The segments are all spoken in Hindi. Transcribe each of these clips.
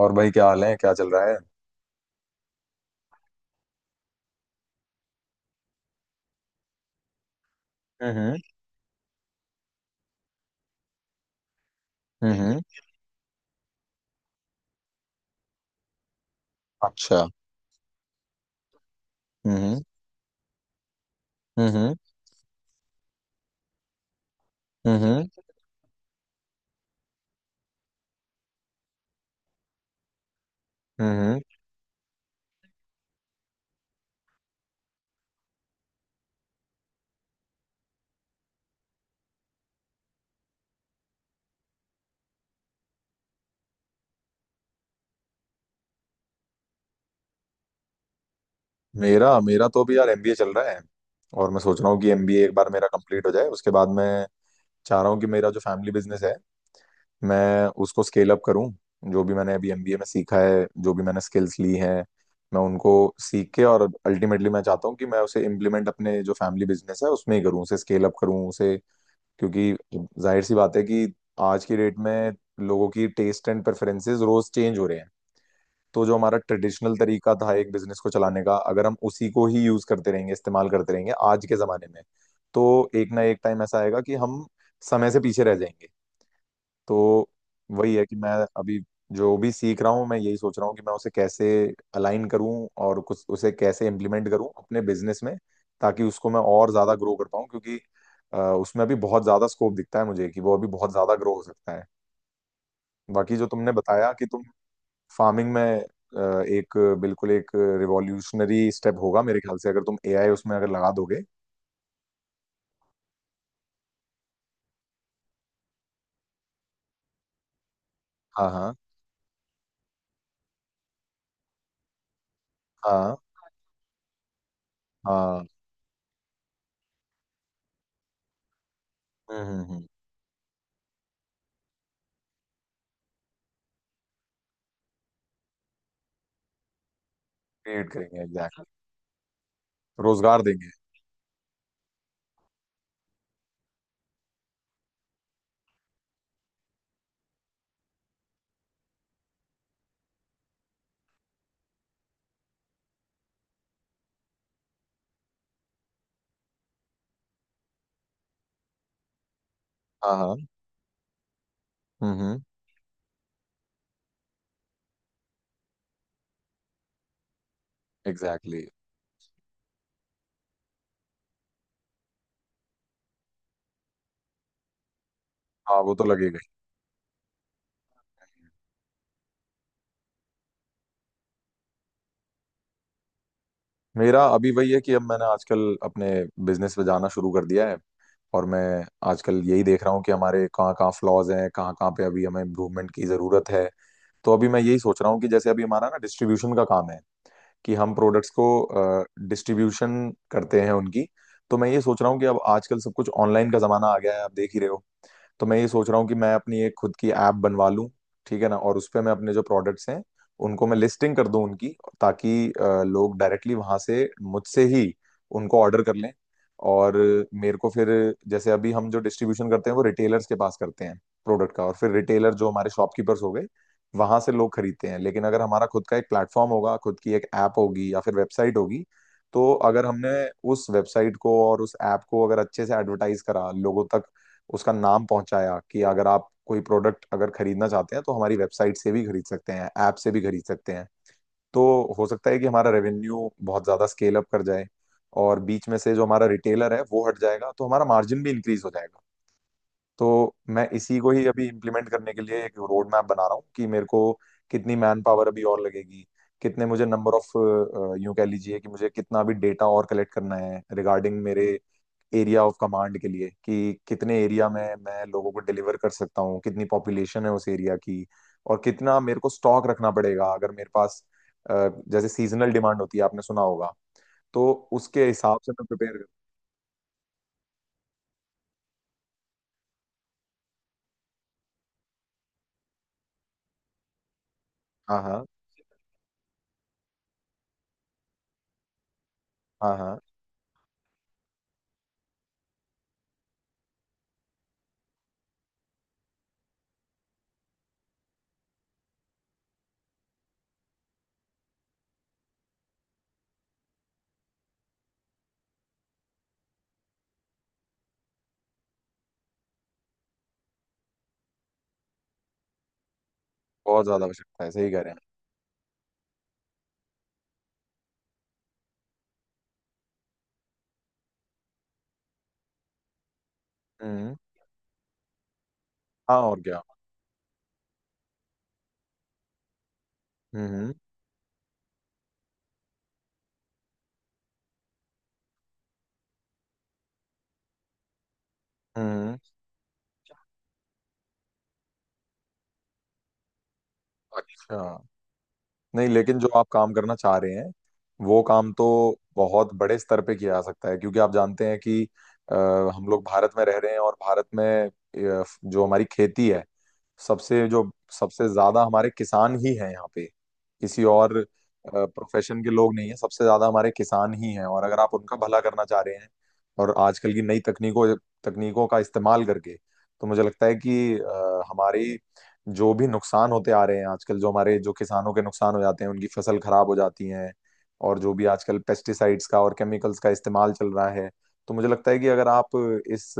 और भाई, क्या हाल है? क्या चल रहा है? हम्म। हम्म। अच्छा। हम्म। हम्म। हम्म। हम्म। मेरा मेरा तो अभी यार एमबीए चल रहा है। और मैं सोच रहा हूँ कि एमबीए एक बार मेरा कंप्लीट हो जाए, उसके बाद मैं चाह रहा हूँ कि मेरा जो फैमिली बिजनेस है, मैं उसको स्केल अप करूँ। जो भी मैंने अभी एमबीए में सीखा है, जो भी मैंने स्किल्स ली हैं, मैं उनको सीख के, और अल्टीमेटली मैं चाहता हूँ कि मैं उसे इम्प्लीमेंट अपने जो फैमिली बिजनेस है उसमें ही करूँ, उसे स्केल अप करूँ उसे, क्योंकि जाहिर सी बात है कि आज की डेट में लोगों की टेस्ट एंड प्रेफरेंसेस रोज चेंज हो रहे हैं। तो जो हमारा ट्रेडिशनल तरीका था एक बिजनेस को चलाने का, अगर हम उसी को ही यूज करते रहेंगे, इस्तेमाल करते रहेंगे आज के जमाने में, तो एक ना एक टाइम ऐसा आएगा कि हम समय से पीछे रह जाएंगे। तो वही है कि मैं अभी जो भी सीख रहा हूँ, मैं यही सोच रहा हूँ कि मैं उसे कैसे अलाइन करूँ, और कुछ उसे कैसे इम्प्लीमेंट करूँ अपने बिजनेस में, ताकि उसको मैं और ज्यादा ग्रो कर पाऊँ, क्योंकि उसमें अभी बहुत ज्यादा स्कोप दिखता है मुझे कि वो अभी बहुत ज्यादा ग्रो हो सकता है। बाकी जो तुमने बताया कि तुम फार्मिंग में, एक बिल्कुल एक रिवॉल्यूशनरी स्टेप होगा मेरे ख्याल से, अगर तुम एआई उसमें अगर लगा दोगे। हाँ हाँ। हाँ हाँ। हम्म। क्रिएट करेंगे, एग्जैक्टली। रोजगार देंगे। हाँ हाँ। हम्म। Exactly, exactly. हाँ, वो तो लगेगा ही। मेरा अभी वही है कि अब मैंने आजकल अपने बिजनेस पे जाना शुरू कर दिया है, और मैं आजकल यही देख रहा हूँ कि हमारे कहाँ कहाँ फ्लॉज हैं, कहाँ कहाँ पे अभी हमें इम्प्रूवमेंट की ज़रूरत है। तो अभी मैं यही सोच रहा हूँ कि जैसे अभी हमारा ना डिस्ट्रीब्यूशन का काम है कि हम प्रोडक्ट्स को डिस्ट्रीब्यूशन करते हैं उनकी। तो मैं ये सोच रहा हूँ कि अब आजकल सब कुछ ऑनलाइन का ज़माना आ गया है, आप देख ही रहे हो। तो मैं ये सोच रहा हूँ कि मैं अपनी एक खुद की ऐप बनवा लूँ, ठीक है ना, और उस पे मैं अपने जो प्रोडक्ट्स हैं उनको मैं लिस्टिंग कर दूं उनकी, ताकि लोग डायरेक्टली वहां से मुझसे ही उनको ऑर्डर कर लें, और मेरे को फिर, जैसे अभी हम जो डिस्ट्रीब्यूशन करते हैं वो रिटेलर्स के पास करते हैं प्रोडक्ट का, और फिर रिटेलर जो हमारे शॉपकीपर्स हो गए, वहां से लोग खरीदते हैं। लेकिन अगर हमारा खुद का एक प्लेटफॉर्म होगा, खुद की एक ऐप होगी या फिर वेबसाइट होगी, तो अगर हमने उस वेबसाइट को और उस ऐप को अगर अच्छे से एडवर्टाइज करा, लोगों तक उसका नाम पहुंचाया कि अगर आप कोई प्रोडक्ट अगर खरीदना चाहते हैं तो हमारी वेबसाइट से भी खरीद सकते हैं, ऐप से भी खरीद सकते हैं, तो हो सकता है कि हमारा रेवेन्यू बहुत ज्यादा स्केल अप कर जाए, और बीच में से जो हमारा रिटेलर है वो हट जाएगा, तो हमारा मार्जिन भी इंक्रीज हो जाएगा। तो मैं इसी को ही अभी इम्प्लीमेंट करने के लिए एक रोड मैप बना रहा हूँ कि मेरे को कितनी मैन पावर अभी और लगेगी, कितने मुझे नंबर ऑफ, यूं कह लीजिए कि मुझे कितना भी डेटा और कलेक्ट करना है रिगार्डिंग मेरे एरिया ऑफ कमांड के लिए, कि कितने एरिया में मैं लोगों को डिलीवर कर सकता हूँ, कितनी पॉपुलेशन है उस एरिया की, और कितना मेरे को स्टॉक रखना पड़ेगा, अगर मेरे पास जैसे सीजनल डिमांड होती है आपने सुना होगा, तो उसके हिसाब से मैं प्रिपेयर कर। हाँ हाँ। हाँ हाँ। बहुत ज्यादा आवश्यकता है, सही कह रहे हैं। हम्म। हाँ, और क्या। हम्म हम्म। अच्छा। नहीं, लेकिन जो आप काम करना चाह रहे हैं, वो काम तो बहुत बड़े स्तर पे किया जा सकता है, क्योंकि आप जानते हैं कि अ, हम लोग भारत में रह रहे हैं, और भारत में, जो हमारी खेती है, सबसे जो सबसे ज्यादा हमारे किसान ही हैं यहाँ पे, किसी और प्रोफेशन के लोग नहीं है, सबसे ज्यादा हमारे किसान ही हैं, और अगर आप उनका भला करना चाह रहे हैं, और आजकल की नई तकनीकों तकनीकों का इस्तेमाल करके, तो मुझे लगता है कि हमारी जो भी नुकसान होते आ रहे हैं आजकल, जो हमारे जो किसानों के नुकसान हो जाते हैं, उनकी फसल खराब हो जाती है, और जो भी आजकल पेस्टिसाइड्स का और केमिकल्स का इस्तेमाल चल रहा है, तो मुझे लगता है कि अगर आप इस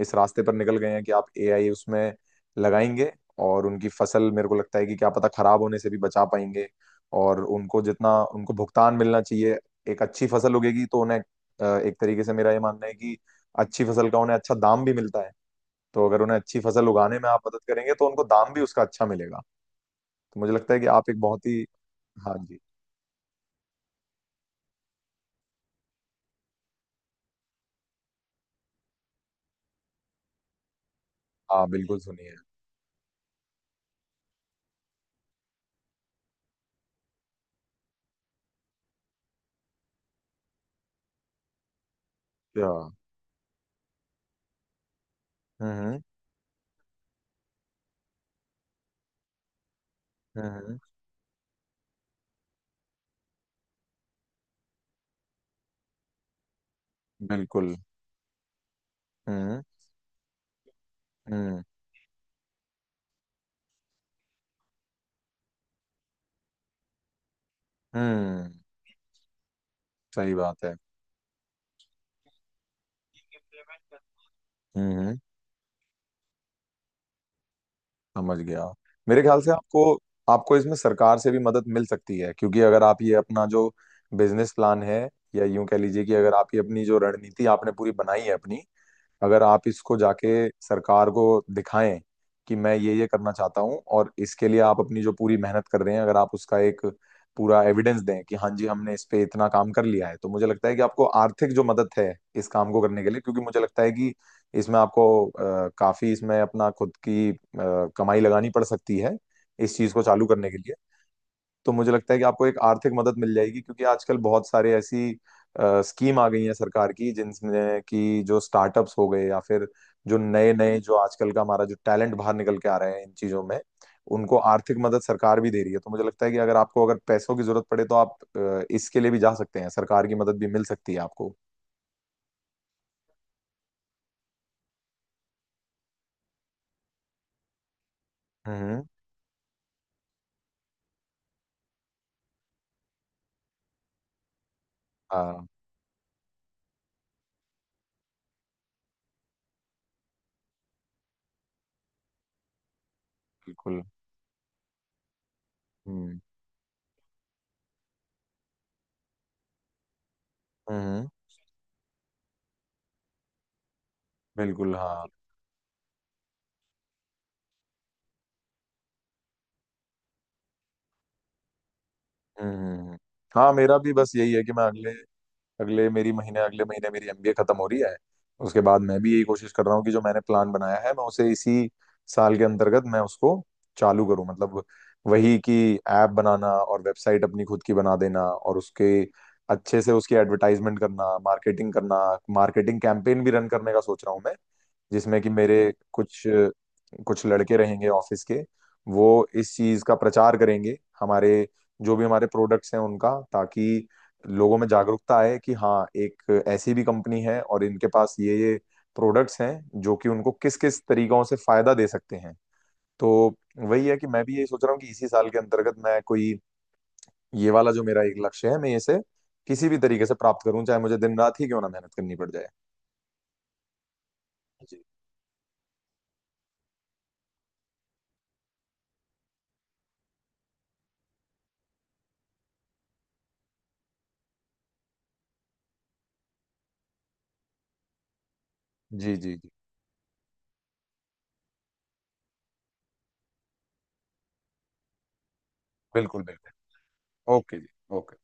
इस रास्ते पर निकल गए हैं कि आप एआई उसमें लगाएंगे, और उनकी फसल मेरे को लगता है कि क्या पता खराब होने से भी बचा पाएंगे, और उनको जितना उनको भुगतान मिलना चाहिए, एक अच्छी फसल उगेगी तो उन्हें, एक तरीके से मेरा ये मानना है कि अच्छी फसल का उन्हें अच्छा दाम भी मिलता है। तो अगर उन्हें अच्छी फसल उगाने में आप मदद करेंगे तो उनको दाम भी उसका अच्छा मिलेगा। तो मुझे लगता है कि आप एक बहुत ही। हाँ जी। हाँ बिल्कुल, सुनिए। अच्छा। हम्म हम्म हम्म, बिल्कुल। हम्म हम्म हम्म। सही बात है। हम्म हम्म। समझ गया। मेरे ख्याल से आपको आपको इसमें सरकार से भी मदद मिल सकती है, क्योंकि अगर आप ये अपना जो बिजनेस प्लान है, या यूं कह लीजिए कि अगर आप ये अपनी जो रणनीति आपने पूरी बनाई है अपनी, अगर आप इसको जाके सरकार को दिखाएं कि मैं ये करना चाहता हूँ, और इसके लिए आप अपनी जो पूरी मेहनत कर रहे हैं, अगर आप उसका एक पूरा एविडेंस दें कि हाँ जी हमने इस पे इतना काम कर लिया है, तो मुझे लगता है कि आपको आर्थिक जो मदद है इस काम को करने के लिए, क्योंकि मुझे लगता है कि इसमें आपको काफी इसमें अपना खुद की कमाई लगानी पड़ सकती है इस चीज को चालू करने के लिए। तो मुझे लगता है कि आपको एक आर्थिक मदद मिल जाएगी, क्योंकि आजकल बहुत सारे ऐसी स्कीम आ गई है सरकार की, जिनमें कि जो स्टार्टअप्स हो गए या फिर जो नए नए जो आजकल का हमारा जो टैलेंट बाहर निकल के आ रहे हैं इन चीजों में, उनको आर्थिक मदद सरकार भी दे रही है। तो मुझे लगता है कि अगर आपको अगर पैसों की जरूरत पड़े, तो आप इसके लिए भी जा सकते हैं, सरकार की मदद भी मिल सकती है आपको। हम्म। हाँ बिल्कुल। हम्म हम्म। बिल्कुल हाँ। हम्म हम्म, हम्म। हाँ, मेरा भी बस यही है कि मैं अगले, अगले मेरी महीने अगले महीने मेरी एमबीए खत्म हो रही है। उसके बाद मैं भी यही कोशिश कर रहा हूँ कि जो मैंने प्लान बनाया है मैं उसे इसी साल के अंतर्गत मैं उसको चालू करूँ, मतलब वही कि ऐप बनाना और वेबसाइट अपनी खुद की बना देना, और उसके अच्छे से उसकी एडवर्टाइजमेंट करना, मार्केटिंग करना। मार्केटिंग कैंपेन भी रन करने का सोच रहा हूँ मैं, जिसमें कि मेरे कुछ कुछ लड़के रहेंगे ऑफिस के, वो इस चीज का प्रचार करेंगे हमारे, जो भी हमारे प्रोडक्ट्स हैं उनका, ताकि लोगों में जागरूकता आए कि हाँ, एक ऐसी भी कंपनी है, और इनके पास ये प्रोडक्ट्स हैं जो कि उनको किस किस तरीकों से फायदा दे सकते हैं। तो वही है कि मैं भी यही सोच रहा हूँ कि इसी साल के अंतर्गत मैं कोई, ये वाला जो मेरा एक लक्ष्य है, मैं इसे किसी भी तरीके से प्राप्त करूं, चाहे मुझे दिन रात ही क्यों ना मेहनत करनी पड़ जाए। जी जी जी। जी, बिल्कुल बिल्कुल। ओके जी। ओके।